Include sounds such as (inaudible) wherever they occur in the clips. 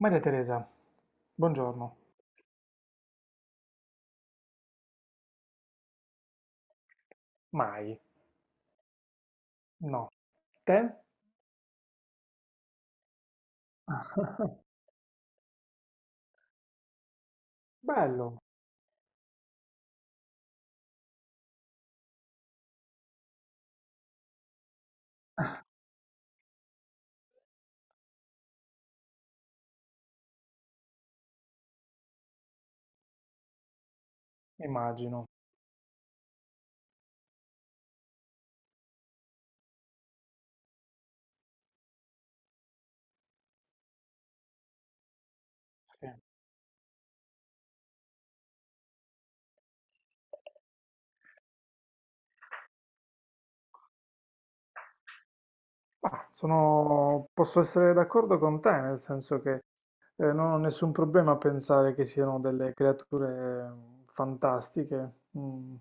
Maria Teresa, buongiorno. Mai. No. Te? (laughs) Bello, immagino. Sì. Ma sono... posso essere d'accordo con te, nel senso che non ho nessun problema a pensare che siano delle creature fantastiche, mm,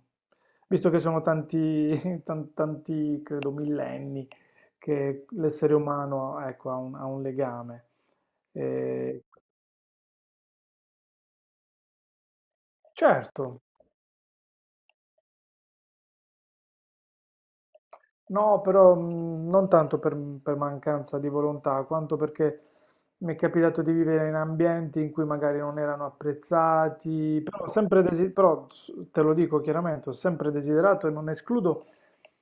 visto che sono tanti, (laughs) tanti, credo, millenni che l'essere umano, ecco, ha ha un legame. Eh, certo. No, però non tanto per mancanza di volontà, quanto perché mi è capitato di vivere in ambienti in cui magari non erano apprezzati, però, ho sempre te lo dico chiaramente, ho sempre desiderato e non escludo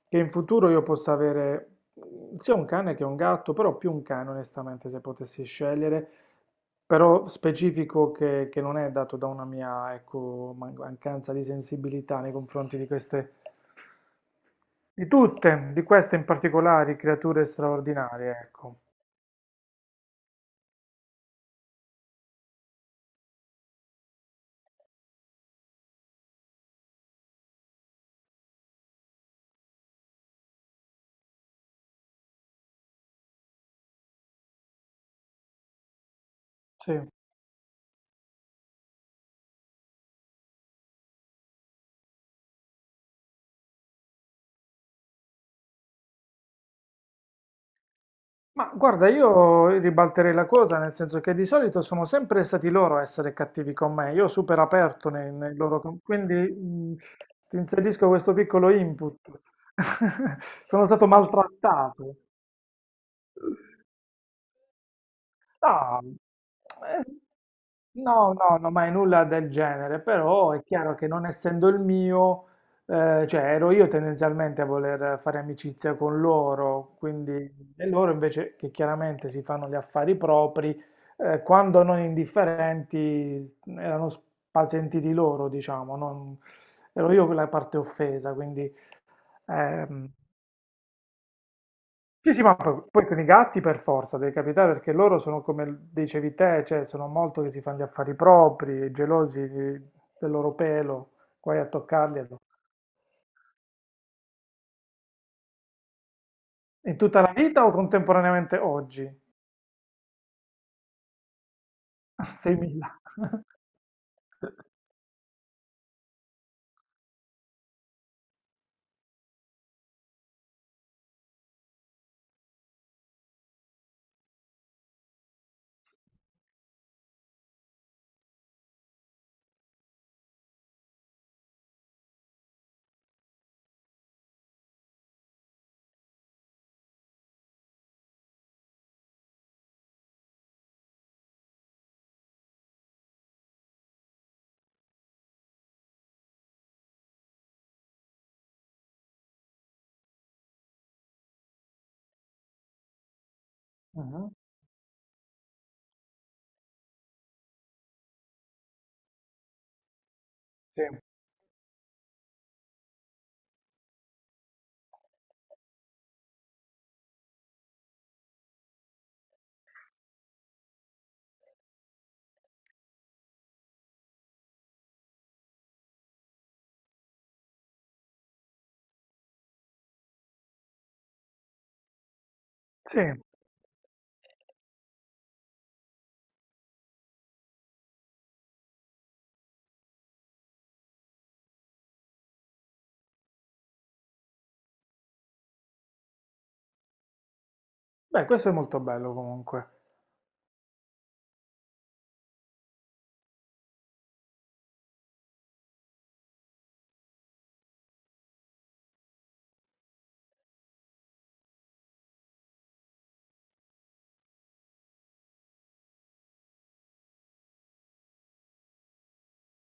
che in futuro io possa avere sia un cane che un gatto, però più un cane onestamente se potessi scegliere, però specifico che non è dato da una mia, ecco, mancanza di sensibilità nei confronti di queste, di tutte, di queste in particolare, creature straordinarie, ecco. Sì. Ma guarda, io ribalterei la cosa, nel senso che di solito sono sempre stati loro a essere cattivi con me, io super aperto nei loro... quindi ti inserisco questo piccolo input. (laughs) Sono stato maltrattato. No, eh, no, mai nulla del genere, però è chiaro che non essendo il mio, cioè ero io tendenzialmente a voler fare amicizia con loro, quindi e loro invece che chiaramente si fanno gli affari propri, quando non indifferenti erano spasentiti loro, diciamo, ero io quella parte offesa, quindi ehm, sì, sì, ma poi con i gatti per forza deve capitare perché loro sono come dicevi te, cioè sono molto che si fanno gli affari propri, gelosi del loro pelo, guai a toccarli. In tutta la vita o contemporaneamente oggi? (laughs) 6.000. Mhm. Sì. Sì, beh, questo è molto bello comunque.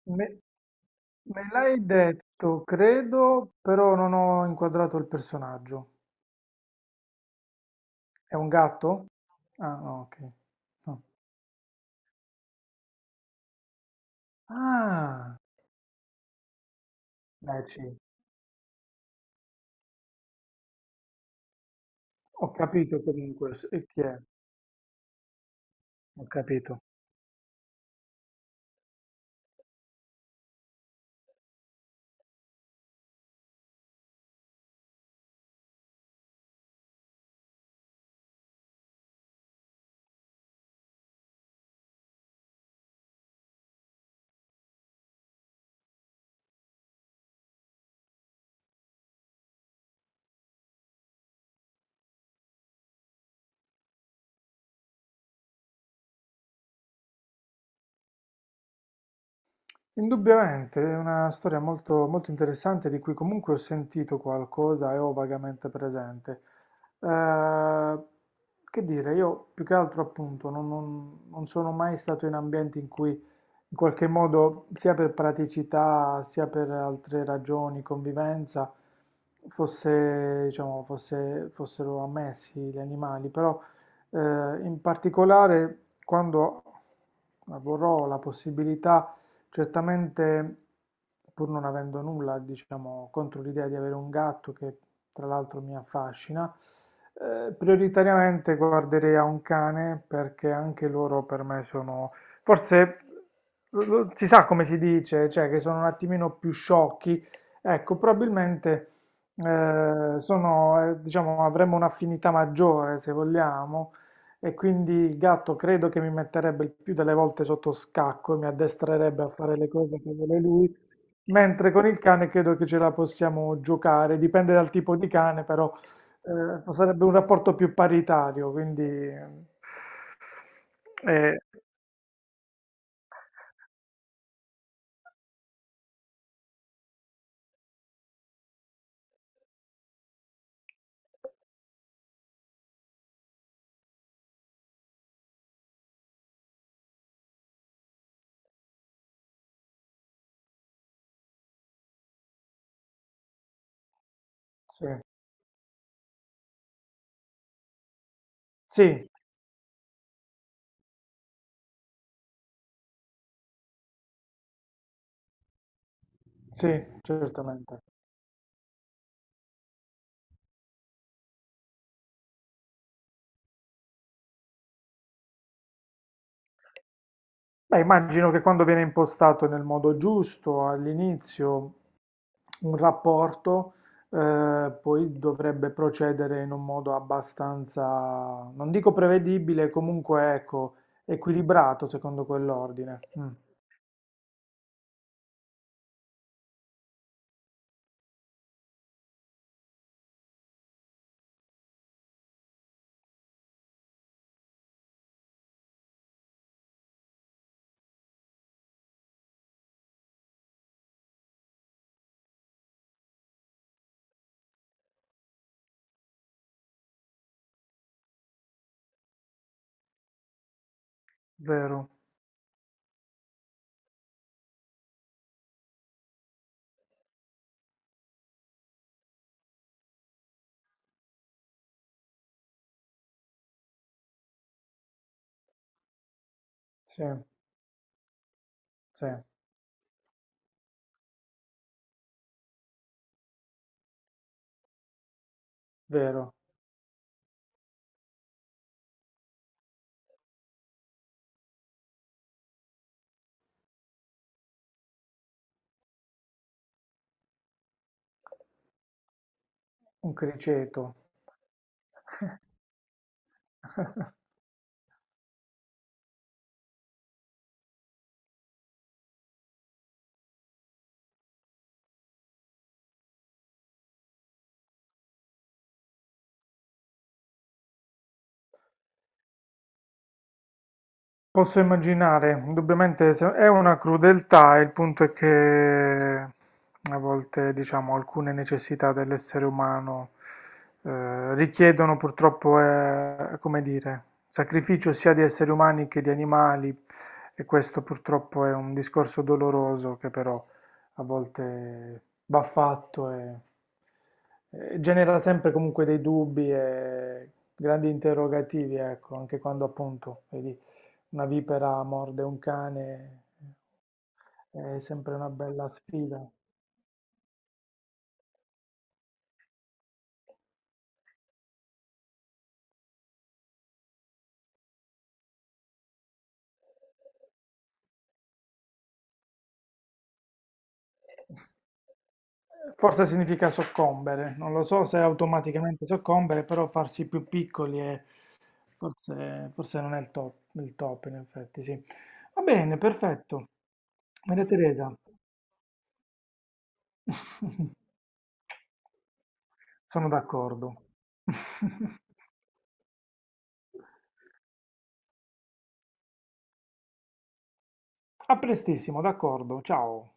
Me, me l'hai detto, credo, però non ho inquadrato il personaggio. È un gatto? Ah, no, ok. No. Ah. Beh, sì, ho capito comunque e chi è, ho capito. Indubbiamente, è una storia molto, molto interessante di cui comunque ho sentito qualcosa e ho vagamente presente. Eh, che dire, io più che altro appunto non sono mai stato in ambienti in cui in qualche modo, sia per praticità, sia per altre ragioni, convivenza, fossero ammessi gli animali, però in particolare quando avrò la possibilità. Certamente, pur non avendo nulla, diciamo, contro l'idea di avere un gatto che tra l'altro mi affascina, prioritariamente guarderei a un cane perché anche loro per me sono, forse si sa come si dice, cioè che sono un attimino più sciocchi. Ecco, probabilmente sono, diciamo, avremmo un'affinità maggiore se vogliamo. E quindi il gatto credo che mi metterebbe il più delle volte sotto scacco e mi addestrerebbe a fare le cose che vuole lui, mentre con il cane credo che ce la possiamo giocare, dipende dal tipo di cane, però sarebbe un rapporto più paritario, quindi eh, sì, sì, sì, certamente. Beh, immagino che quando viene impostato nel modo giusto all'inizio un rapporto, poi dovrebbe procedere in un modo abbastanza, non dico prevedibile, comunque ecco, equilibrato secondo quell'ordine. Mm, vero, sì, sì, vero, un criceto. Posso immaginare, indubbiamente è una crudeltà, il punto è che a volte, diciamo, alcune necessità dell'essere umano richiedono purtroppo, come dire, sacrificio sia di esseri umani che di animali e questo purtroppo è un discorso doloroso che però a volte va fatto e genera sempre comunque dei dubbi e grandi interrogativi, ecco, anche quando appunto, vedi una vipera morde un cane, è sempre una bella sfida. Forse significa soccombere, non lo so se automaticamente soccombere, però farsi più piccoli forse, forse non è il top, in effetti, sì. Va bene, perfetto. Maria Teresa, (laughs) sono d'accordo. (laughs) A prestissimo, d'accordo, ciao.